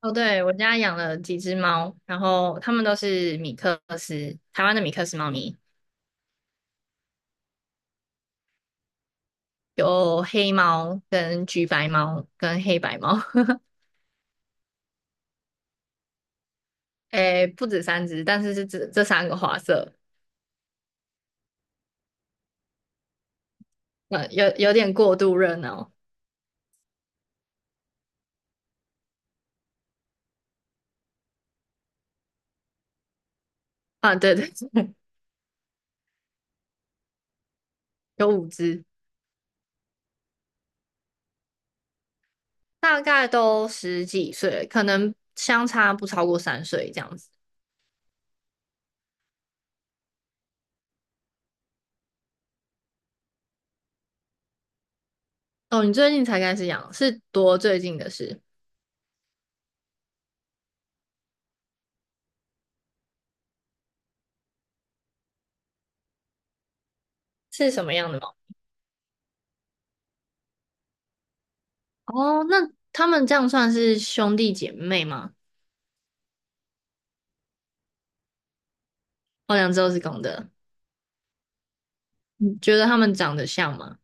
哦，对，我家养了几只猫，然后它们都是米克斯，台湾的米克斯猫咪，有黑猫、跟橘白猫、跟黑白猫，诶，不止三只，但是是这三个花色，有点过度热闹啊，对对，有五只，大概都十几岁，可能相差不超过三岁这样子。哦，你最近才开始养，是多最近的事？是什么样的猫？哦，那它们这样算是兄弟姐妹吗？我两只都是公的。你觉得它们长得像吗？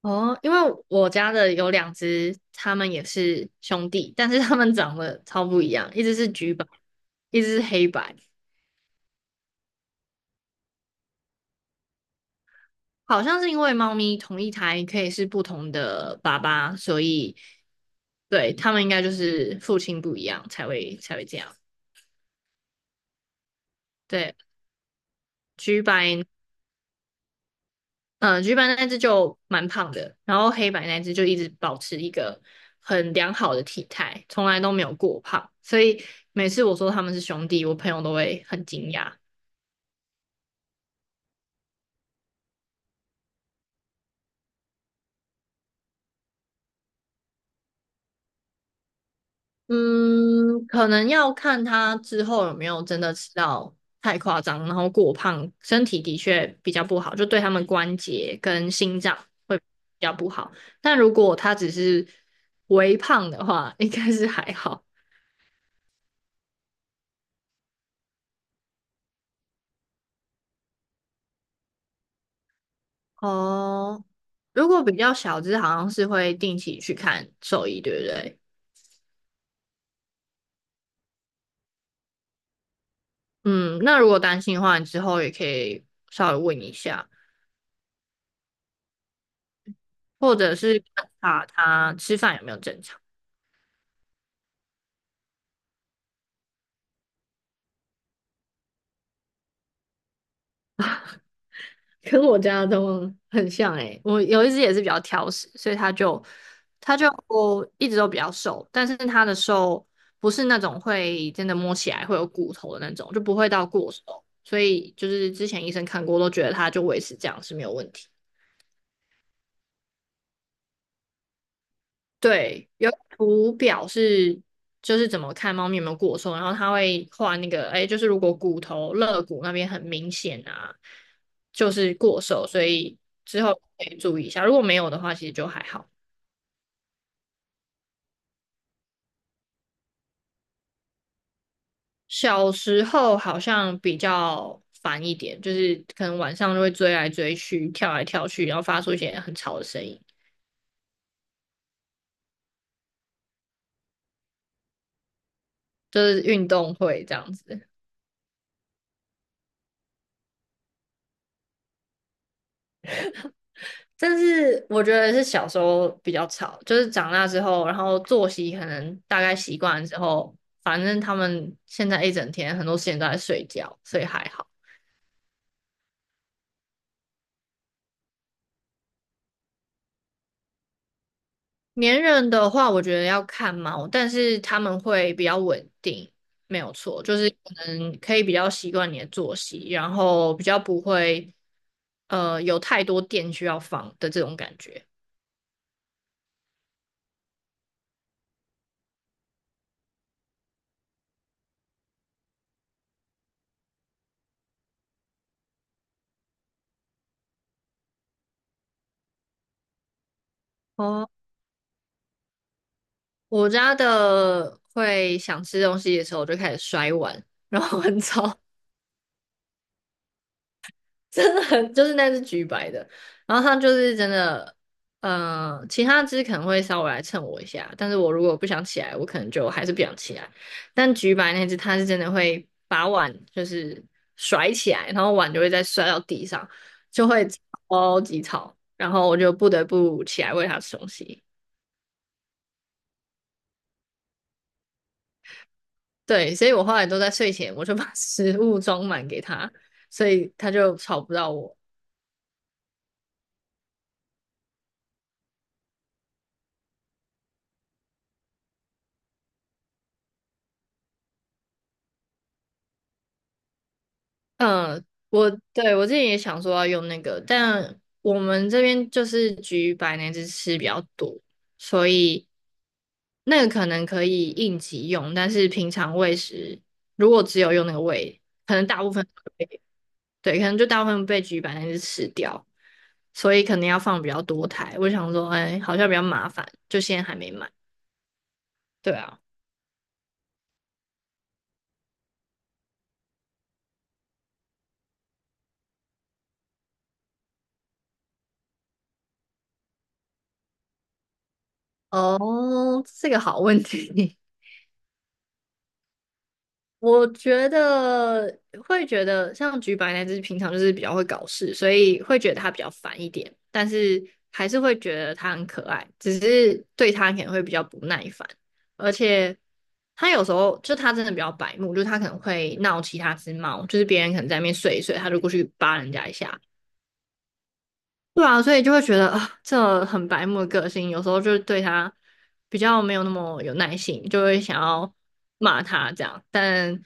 哦，因为我家的有两只，它们也是兄弟，但是它们长得超不一样，一只是橘白，一只是黑白。好像是因为猫咪同一胎可以是不同的爸爸，所以对它们应该就是父亲不一样才会这样。对，橘白嗯，橘白那只就蛮胖的，然后黑白那只就一直保持一个很良好的体态，从来都没有过胖，所以每次我说他们是兄弟，我朋友都会很惊讶。嗯，可能要看他之后有没有真的吃到太夸张，然后过胖，身体的确比较不好，就对他们关节跟心脏会比较不好。但如果他只是微胖的话，应该是还好。哦，如果比较小只，好像是会定期去看兽医，对不对？嗯，那如果担心的话，你之后也可以稍微问一下，或者是观察它吃饭有没有正常。跟我家的都很像诶、我有一只也是比较挑食，所以它就一直都比较瘦，但是它的瘦不是那种会真的摸起来会有骨头的那种，就不会到过瘦，所以就是之前医生看过都觉得它就维持这样是没有问题。对，有图表是就是怎么看猫咪有没有过瘦，然后它会画那个，哎，就是如果骨头肋骨那边很明显啊，就是过瘦，所以之后可以注意一下。如果没有的话，其实就还好。小时候好像比较烦一点，就是可能晚上就会追来追去、跳来跳去，然后发出一些很吵的声音，就是运动会这样子。但是我觉得是小时候比较吵，就是长大之后，然后作息可能大概习惯了之后，反正他们现在一整天很多时间都在睡觉，所以还好。粘人的话，我觉得要看猫，但是他们会比较稳定，没有错，就是可能可以比较习惯你的作息，然后比较不会有太多电需要放的这种感觉。哦，我家的会想吃东西的时候就开始摔碗，然后很吵。真的很就是那只橘白的，然后它就是真的。其他只可能会稍微来蹭我一下，但是我如果不想起来，我可能就还是不想起来。但橘白那只，它是真的会把碗就是甩起来，然后碗就会再摔到地上，就会超级吵，然后我就不得不起来喂它吃东西。对，所以我后来都在睡前我就把食物装满给它，所以它就吵不到我。嗯，我对我之前也想说要用那个，但我们这边就是橘白那只吃比较多，所以那个可能可以应急用，但是平常喂食如果只有用那个喂，可能大部分被对，可能就大部分被橘白那只吃掉，所以可能要放比较多台。我想说，哎，好像比较麻烦，就现在还没买。对啊，哦，这个好问题。我觉得会觉得像橘白那只平常就是比较会搞事，所以会觉得它比较烦一点，但是还是会觉得它很可爱，只是对它可能会比较不耐烦，而且它有时候就它真的比较白目，就是它可能会闹其他只猫，就是别人可能在那边睡一睡，它就过去扒人家一下，对啊，所以就会觉得啊，这很白目的个性，有时候就是对他比较没有那么有耐心，就会想要骂他这样，但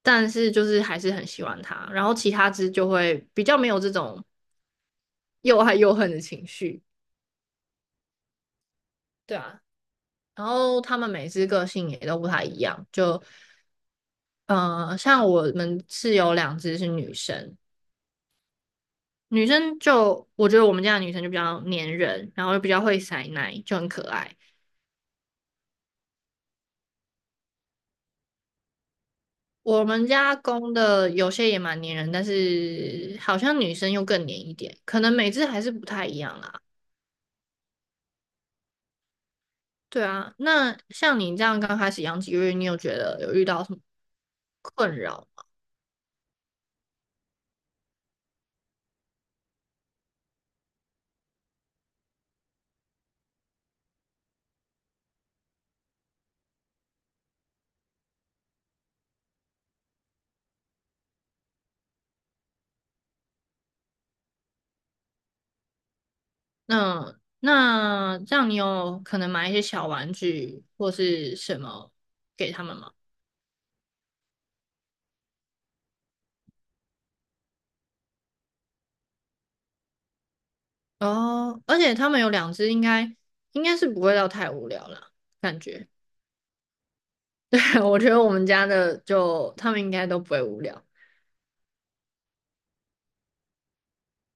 但是就是还是很喜欢他，然后其他只就会比较没有这种又爱又恨的情绪，对啊，然后他们每只个性也都不太一样，像我们是有两只是女生，女生就我觉得我们家的女生就比较粘人，然后又比较会塞奶，就很可爱。我们家公的有些也蛮粘人，但是好像女生又更粘一点，可能每只还是不太一样啦。对啊，那像你这样刚开始养几个月，你有觉得有遇到什么困扰吗？那这样你有可能买一些小玩具或是什么给他们吗？哦，而且他们有两只，应该是不会到太无聊啦，感觉。对，我觉得我们家的就他们应该都不会无聊。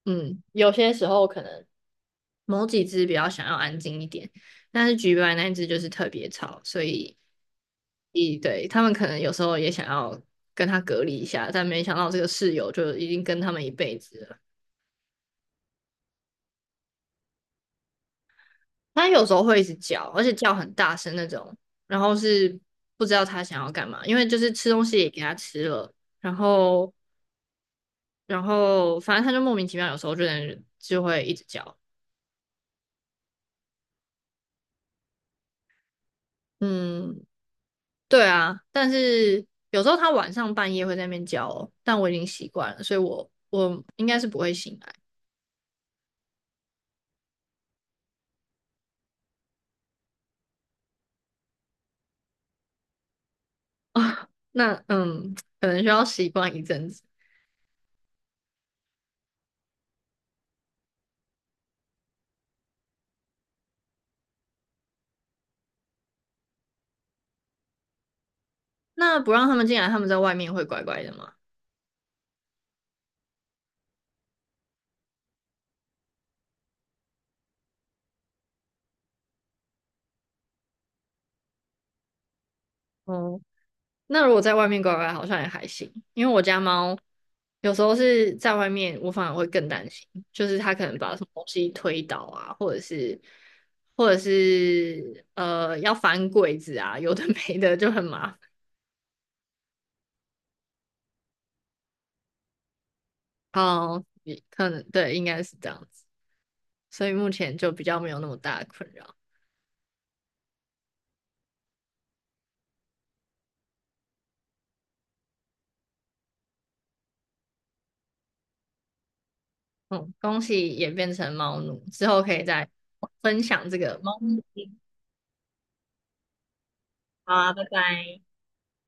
嗯，有些时候可能某几只比较想要安静一点，但是橘白那一只就是特别吵，所以，一对，他们可能有时候也想要跟它隔离一下，但没想到这个室友就已经跟他们一辈子了。它有时候会一直叫，而且叫很大声那种，然后是不知道它想要干嘛，因为就是吃东西也给它吃了，然后，然后反正它就莫名其妙，有时候就会一直叫。嗯，对啊，但是有时候它晚上半夜会在那边叫哦但我已经习惯了，所以我应该是不会醒来啊。那嗯，可能需要习惯一阵子。那不让他们进来，他们在外面会乖乖的吗？哦，那如果在外面乖乖，好像也还行，因为我家猫有时候是在外面，我反而会更担心，就是它可能把什么东西推倒啊，或者是要翻柜子啊，有的没的就很麻烦。好，你可能对，应该是这样子，所以目前就比较没有那么大的困扰。嗯，恭喜也变成猫奴，之后可以再分享这个猫咪。好啊，拜拜。